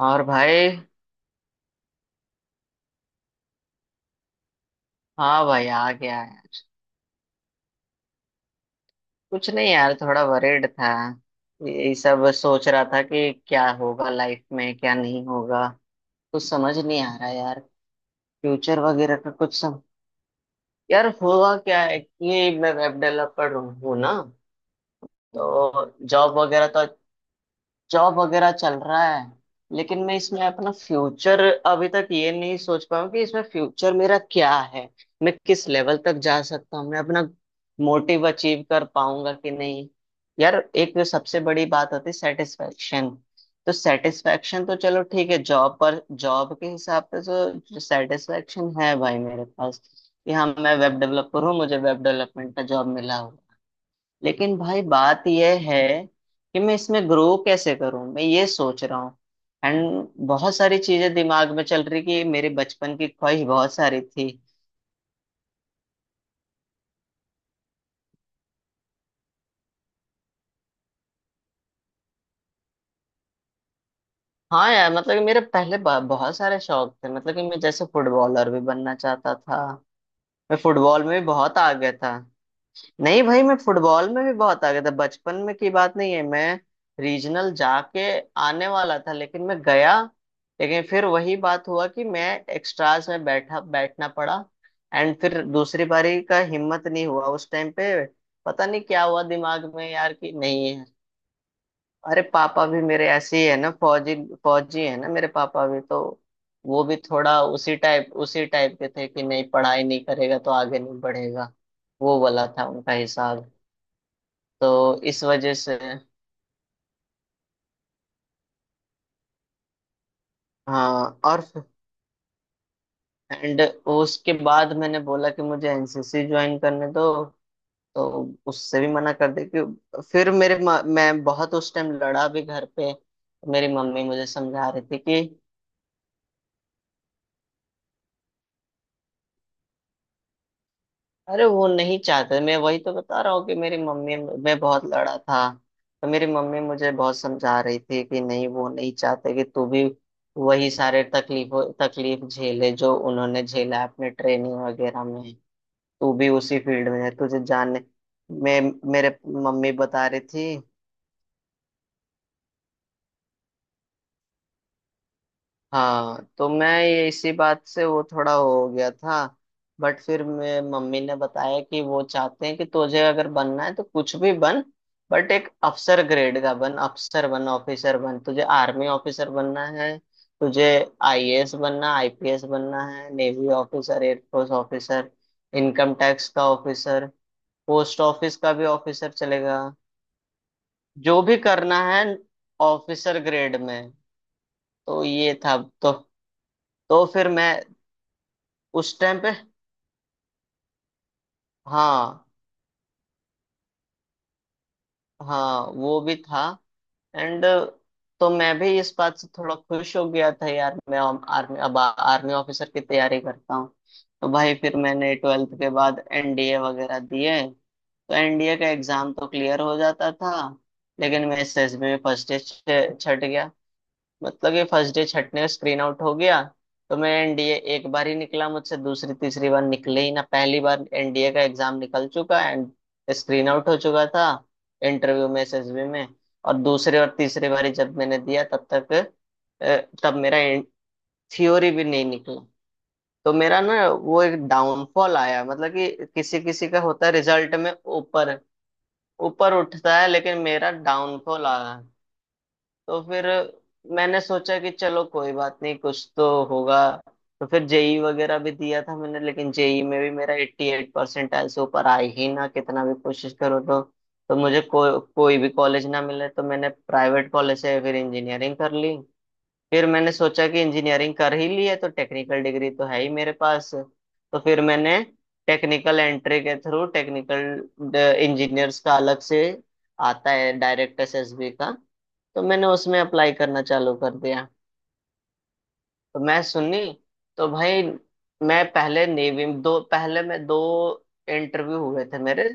और भाई, हाँ भाई आ गया है। कुछ नहीं यार, थोड़ा वरीड था। ये सब सोच रहा था कि क्या होगा लाइफ में, क्या नहीं होगा। कुछ समझ नहीं आ रहा यार। फ्यूचर वगैरह का कुछ सम यार हुआ क्या है कि मैं वेब डेवलपर हूँ ना, तो जॉब वगैरह तो जॉब वगैरह चल रहा है। लेकिन मैं इसमें अपना फ्यूचर अभी तक ये नहीं सोच पाया हूँ कि इसमें फ्यूचर मेरा क्या है, मैं किस लेवल तक जा सकता हूँ, मैं अपना मोटिव अचीव कर पाऊंगा कि नहीं। यार, एक जो सबसे बड़ी बात होती है सेटिस्फेक्शन, तो सेटिस्फेक्शन तो चलो ठीक है, जॉब पर जॉब के हिसाब से तो सेटिस्फेक्शन है भाई मेरे पास कि हाँ, मैं वेब डेवलपर हूँ, मुझे वेब डेवलपमेंट का जॉब मिला हुआ है। लेकिन भाई, बात यह है कि मैं इसमें ग्रो कैसे करूं, मैं ये सोच रहा हूँ। एंड बहुत सारी चीजें दिमाग में चल रही कि मेरे बचपन की ख्वाहिश बहुत सारी थी। हाँ यार, मतलब कि मेरे पहले बहुत सारे शौक थे, मतलब कि मैं जैसे फुटबॉलर भी बनना चाहता था। मैं फुटबॉल में भी बहुत आगे था। नहीं भाई, मैं फुटबॉल में भी बहुत आगे था, बचपन में की बात नहीं है। मैं रीजनल जाके आने वाला था, लेकिन मैं गया, लेकिन फिर वही बात हुआ कि मैं एक्स्ट्राज में बैठा बैठना पड़ा। एंड फिर दूसरी बारी का हिम्मत नहीं हुआ उस टाइम पे, पता नहीं क्या हुआ दिमाग में यार कि नहीं है। अरे पापा भी मेरे ऐसे ही है ना, फौजी। फौजी है ना मेरे पापा, भी तो वो भी थोड़ा उसी टाइप के थे कि नहीं पढ़ाई नहीं करेगा तो आगे नहीं बढ़ेगा। वो वाला था उनका हिसाब, तो इस वजह से हाँ। और एंड उसके बाद मैंने बोला कि मुझे एनसीसी ज्वाइन करने दो, तो उससे भी मना कर दी। कि फिर मैं बहुत उस टाइम लड़ा भी घर पे। मेरी मम्मी मुझे समझा रही थी कि अरे वो नहीं चाहते। मैं वही तो बता रहा हूँ कि मेरी मम्मी, मैं बहुत लड़ा था तो मेरी मम्मी मुझे बहुत समझा रही थी कि नहीं, वो नहीं चाहते कि तू भी वही सारे तकलीफ झेले जो उन्होंने झेला अपने ट्रेनिंग वगैरह में। तू भी उसी फील्ड में है, तुझे जानने। मैं मेरे मम्मी बता रही थी। हाँ, तो मैं ये इसी बात से वो थोड़ा हो गया था। बट फिर मैं, मम्मी ने बताया कि वो चाहते हैं कि तुझे अगर बनना है तो कुछ भी बन, बट एक अफसर ग्रेड का बन, अफसर बन ऑफिसर बन, तुझे आर्मी ऑफिसर बनना है, तुझे आईएएस बनना, आईपीएस बनना है, navy officer, air force officer, income tax का ऑफिसर, पोस्ट ऑफिस का भी ऑफिसर चलेगा, जो भी करना है ऑफिसर ग्रेड में। तो ये था। तो फिर मैं उस टाइम पे, हाँ हाँ, वो भी था। एंड तो मैं भी इस बात से थोड़ा खुश हो गया था यार। मैं आर्मी, अब आर्मी ऑफिसर की तैयारी करता हूँ। तो भाई, फिर मैंने ट्वेल्थ के बाद एनडीए वगैरह दिए। तो एनडीए का एग्जाम तो क्लियर हो जाता था, लेकिन मैं एसएसबी में फर्स्ट छट गया। मतलब ये फर्स्ट डे छटने में स्क्रीन आउट हो गया। तो मैं एनडीए एक बार ही निकला, मुझसे दूसरी तीसरी बार निकले ही ना, पहली बार एनडीए का एग्जाम निकल चुका एंड स्क्रीन आउट हो चुका था इंटरव्यू में, एसएसबी में। और दूसरे और तीसरे बार ही जब मैंने दिया तब तक अ, तब मेरा थ्योरी भी नहीं निकला। तो मेरा ना वो एक डाउनफॉल आया, मतलब कि किसी किसी का होता है रिजल्ट में ऊपर ऊपर उठता है, लेकिन मेरा डाउनफॉल आया। तो फिर मैंने सोचा कि चलो कोई बात नहीं, कुछ तो होगा। तो फिर जेई वगैरह भी दिया था मैंने, लेकिन जेई में भी मेरा 88 परसेंटाइल से ऊपर आए ही ना, कितना भी कोशिश करो। तो मुझे कोई भी कॉलेज ना मिले, तो मैंने प्राइवेट कॉलेज से फिर इंजीनियरिंग कर ली। फिर मैंने सोचा कि इंजीनियरिंग कर ही ली है तो टेक्निकल डिग्री तो है ही मेरे पास, तो फिर मैंने टेक्निकल एंट्री के थ्रू, टेक्निकल इंजीनियर्स का अलग से आता है डायरेक्ट एसएसबी का, तो मैंने उसमें अप्लाई करना चालू कर दिया। तो मैं सुनी। तो भाई, मैं पहले नेवी दो पहले मैं दो इंटरव्यू हुए थे मेरे,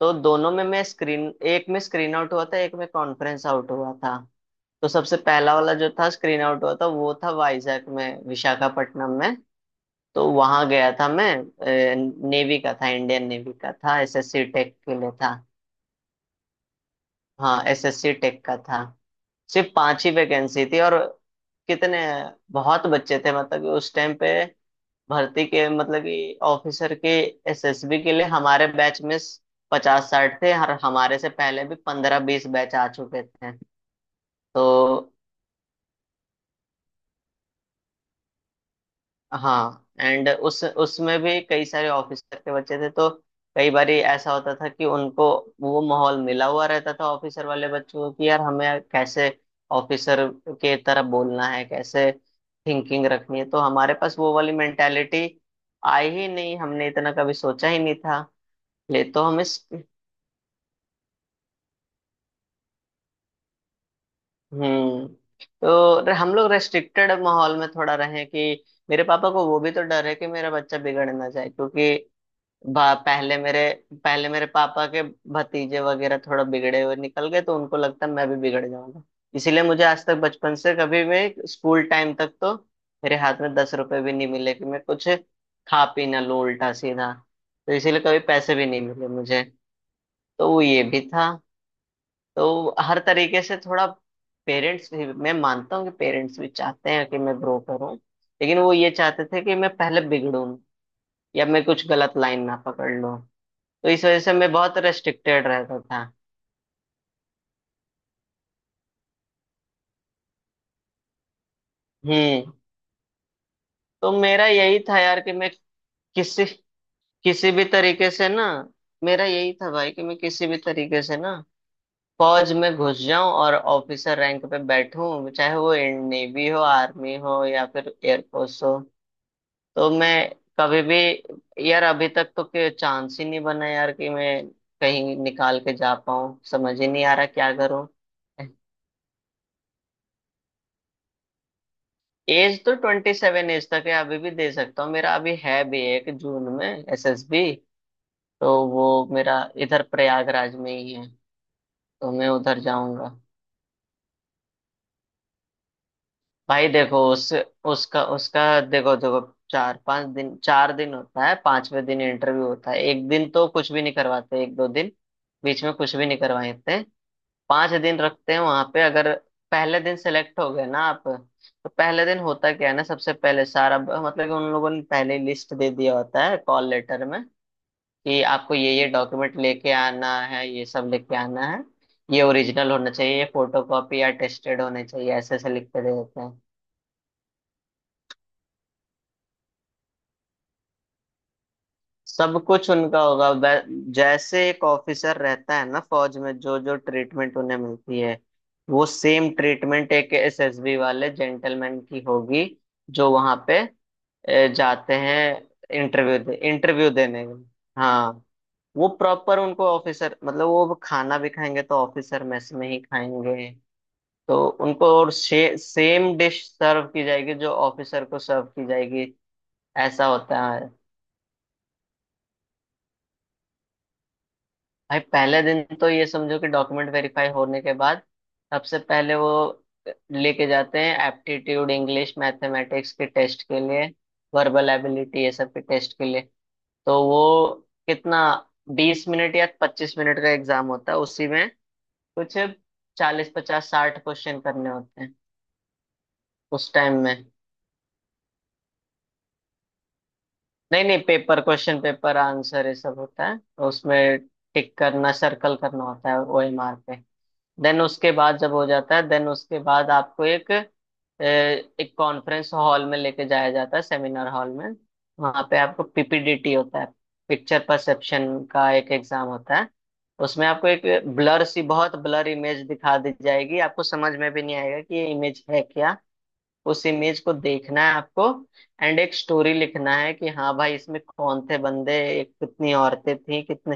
तो दोनों में मैं स्क्रीन एक में स्क्रीन आउट हुआ था, एक में कॉन्फ्रेंस आउट हुआ था। तो सबसे पहला वाला जो था, स्क्रीन आउट हुआ था, वो था वाइजैक में, विशाखापट्टनम में। तो वहां गया था मैं, नेवी का था, इंडियन नेवी का था, एसएससी टेक के लिए था। हाँ, एसएससी टेक का था। सिर्फ पांच ही वैकेंसी थी और कितने, बहुत बच्चे थे, मतलब कि उस टाइम पे भर्ती के, मतलब कि ऑफिसर के एसएसबी के लिए हमारे बैच में 50 60 थे, और हमारे से पहले भी 15 20 बैच आ चुके थे। तो हाँ, एंड उस उसमें भी कई सारे ऑफिसर के बच्चे थे, तो कई बार ऐसा होता था कि उनको वो माहौल मिला हुआ रहता था, ऑफिसर वाले बच्चों को कि यार हमें कैसे ऑफिसर के तरह बोलना है, कैसे थिंकिंग रखनी है। तो हमारे पास वो वाली मेंटेलिटी आई ही नहीं, हमने इतना कभी सोचा ही नहीं था। ले तो हम इस हम्म। तो हम लोग रेस्ट्रिक्टेड माहौल में थोड़ा रहे कि मेरे पापा को वो भी तो डर है कि मेरा बच्चा बिगड़ ना जाए, क्योंकि बा, पहले मेरे पापा के भतीजे वगैरह थोड़ा बिगड़े हुए निकल गए, तो उनको लगता मैं भी बिगड़ जाऊंगा। इसीलिए मुझे आज तक, बचपन से कभी भी, स्कूल टाइम तक तो मेरे हाथ में 10 रुपए भी नहीं मिले कि मैं कुछ खा पी ना लूं उल्टा सीधा। तो इसीलिए कभी पैसे भी नहीं मिले मुझे, तो वो ये भी था। तो हर तरीके से थोड़ा, पेरेंट्स भी, मैं मानता हूँ कि पेरेंट्स भी चाहते हैं कि मैं ग्रो करूँ, लेकिन वो ये चाहते थे कि मैं पहले बिगड़ूं या मैं कुछ गलत लाइन ना पकड़ लूं। तो इस वजह से मैं बहुत रेस्ट्रिक्टेड रहता था। हम्म। तो मेरा यही था यार कि मैं किसी किसी भी तरीके से ना, मेरा यही था भाई कि मैं किसी भी तरीके से ना फौज में घुस जाऊं और ऑफिसर रैंक पे बैठूं, चाहे वो नेवी हो, आर्मी हो, या फिर एयरफोर्स हो। तो मैं कभी भी यार अभी तक तो के चांस ही नहीं बना यार कि मैं कहीं निकाल के जा पाऊं, समझ ही नहीं आ रहा क्या करूं। एज तो 27 एज तक है, अभी भी दे सकता हूँ। मेरा अभी है भी 1 जून में एसएसबी, तो वो मेरा इधर प्रयागराज में ही है, तो मैं उधर जाऊंगा। भाई देखो, उस उसका उसका देखो, 4 5 दिन, 4 दिन होता है, 5वें दिन इंटरव्यू होता है। एक दिन तो कुछ भी नहीं करवाते, एक दो दिन बीच में कुछ भी नहीं करवाते। 5 दिन रखते हैं वहां पे। अगर पहले दिन सेलेक्ट हो गए ना आप, तो पहले दिन होता क्या है ना, सबसे पहले मतलब कि उन लोगों ने पहले लिस्ट दे दिया होता है कॉल लेटर में कि आपको ये डॉक्यूमेंट लेके आना है, ये सब लेके आना है, ये ओरिजिनल होना चाहिए, ये फोटो कॉपी या टेस्टेड होने चाहिए, ऐसे ऐसे लिख के दे देते हैं। सब कुछ उनका होगा। जैसे एक ऑफिसर रहता है ना फौज में, जो जो ट्रीटमेंट उन्हें मिलती है, वो सेम ट्रीटमेंट एक एसएसबी वाले जेंटलमैन की होगी जो वहां पे जाते हैं इंटरव्यू देने के लिए। हाँ, वो प्रॉपर उनको ऑफिसर, मतलब वो खाना भी खाएंगे तो ऑफिसर मेस में ही खाएंगे। तो उनको और सेम डिश सर्व की जाएगी जो ऑफिसर को सर्व की जाएगी। ऐसा होता है। भाई, पहले दिन तो ये समझो कि डॉक्यूमेंट वेरीफाई होने के बाद सबसे पहले वो लेके जाते हैं एप्टीट्यूड, इंग्लिश, मैथमेटिक्स के टेस्ट के लिए, वर्बल एबिलिटी ये सब के टेस्ट के लिए। तो वो कितना, 20 मिनट या 25 मिनट का एग्जाम होता है, उसी में कुछ 40 50 60 क्वेश्चन करने होते हैं उस टाइम में। नहीं नहीं, पेपर क्वेश्चन, पेपर आंसर, ये सब होता है उसमें। टिक करना, सर्कल करना होता है ओ एम आर पे। देन उसके बाद जब हो जाता है, देन उसके बाद आपको एक एक कॉन्फ्रेंस हॉल में लेके जाया जाता है, सेमिनार हॉल में। वहाँ पे आपको पीपीडीटी होता है, पिक्चर परसेप्शन का एक एग्जाम होता है। उसमें आपको एक ब्लर सी, बहुत ब्लर इमेज दिखा दी जाएगी, आपको समझ में भी नहीं आएगा कि ये इमेज है क्या। उस इमेज को देखना है आपको, एंड एक स्टोरी लिखना है कि हाँ भाई, इसमें कौन थे बंदे, एक कितनी औरतें थी, कितने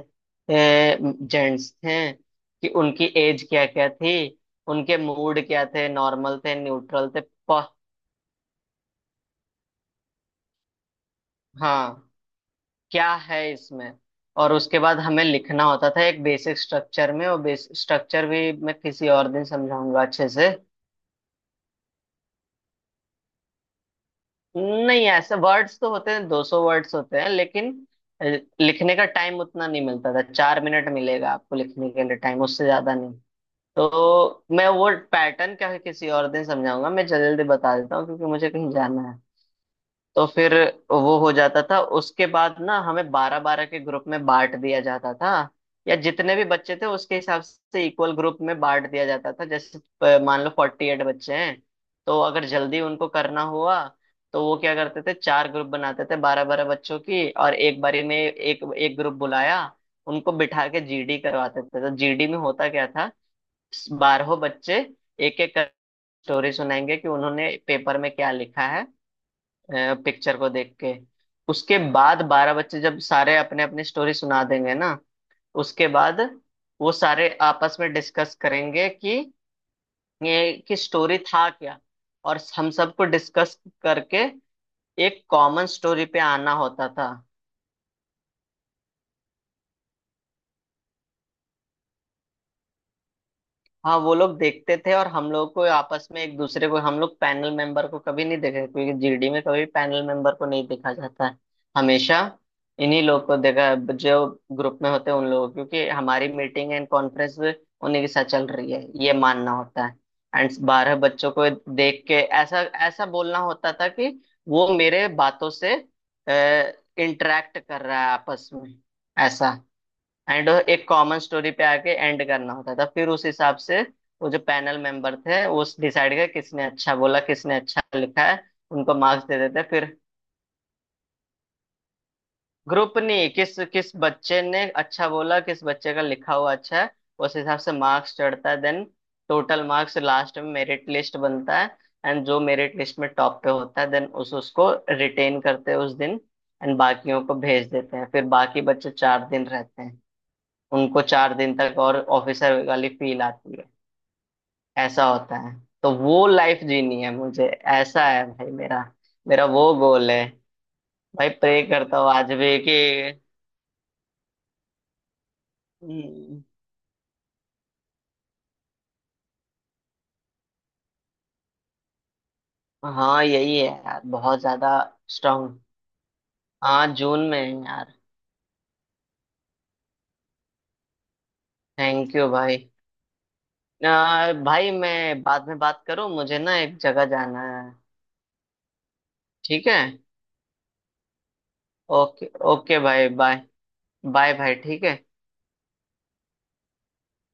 जेंट्स थे, कि उनकी एज क्या क्या थी, उनके मूड क्या थे, नॉर्मल थे, न्यूट्रल थे, प, हाँ, क्या है इसमें। और उसके बाद हमें लिखना होता था एक बेसिक स्ट्रक्चर में, और बेसिक स्ट्रक्चर भी मैं किसी और दिन समझाऊंगा अच्छे से। नहीं, ऐसे वर्ड्स तो होते हैं, 200 वर्ड्स होते हैं, लेकिन अ, लिखने का टाइम उतना नहीं मिलता था। 4 मिनट मिलेगा आपको लिखने के लिए, टाइम उससे ज्यादा नहीं। तो मैं वो पैटर्न क्या है किसी और दिन समझाऊंगा, मैं जल्दी बता देता हूँ क्योंकि मुझे कहीं जाना है। तो फिर वो हो जाता था, उसके बाद ना हमें 12 12 के ग्रुप में बांट दिया जाता था, या जितने भी बच्चे थे उसके हिसाब से इक्वल ग्रुप में बांट दिया जाता था। जैसे मान लो 48 बच्चे हैं, तो अगर जल्दी उनको करना हुआ तो वो क्या करते थे, 4 ग्रुप बनाते थे 12 12 बच्चों की, और एक बारी में एक एक ग्रुप बुलाया, उनको बिठा के जीडी करवाते थे। तो जीडी में होता क्या था, बारहों बच्चे एक एक कर स्टोरी सुनाएंगे कि उन्होंने पेपर में क्या लिखा है पिक्चर को देख के। उसके बाद 12 बच्चे जब सारे अपने अपनी स्टोरी सुना देंगे ना, उसके बाद वो सारे आपस में डिस्कस करेंगे कि ये कि स्टोरी था क्या, और हम सबको डिस्कस करके एक कॉमन स्टोरी पे आना होता था। हाँ, वो लोग देखते थे, और हम लोग को आपस में एक दूसरे को, हम लोग पैनल मेंबर को कभी नहीं देखे, क्योंकि जीडी में कभी पैनल मेंबर को नहीं देखा जाता है, हमेशा इन्हीं लोग को देखा है, जो ग्रुप में होते हैं उन लोगों को, क्योंकि हमारी मीटिंग एंड कॉन्फ्रेंस उन्हीं के साथ चल रही है, ये मानना होता है। एंड 12 बच्चों को देख के ऐसा ऐसा बोलना होता था कि वो मेरे बातों से इंटरेक्ट कर रहा है आपस में, ऐसा। एंड एक कॉमन स्टोरी पे आके एंड करना होता था। फिर उस हिसाब से वो जो पैनल मेंबर थे, वो डिसाइड किया किसने अच्छा बोला, किसने अच्छा लिखा है। उनको मार्क्स दे देते। फिर ग्रुप नहीं, किस किस बच्चे ने अच्छा बोला, किस बच्चे का लिखा हुआ अच्छा है, उस हिसाब से मार्क्स चढ़ता है। देन टोटल मार्क्स लास्ट में मेरिट लिस्ट बनता है। एंड जो मेरिट लिस्ट में टॉप पे होता है, देन उस उसको रिटेन करते हैं उस दिन, एंड बाकियों को भेज देते हैं। फिर बाकी बच्चे 4 दिन रहते हैं, उनको 4 दिन तक और ऑफिसर वाली फील आती है। ऐसा होता है। तो वो लाइफ जीनी है मुझे, ऐसा है भाई मेरा, मेरा वो गोल है। भाई प्रे करता हूँ आज भी कि, हम्म, हाँ, यही है यार बहुत ज्यादा स्ट्रांग। हाँ, जून में है यार। थैंक यू भाई। भाई मैं बाद में बात करूँ, मुझे ना एक जगह जाना है। ठीक है। ओके, ओके भाई, बाय। बाय भाई, ठीक है।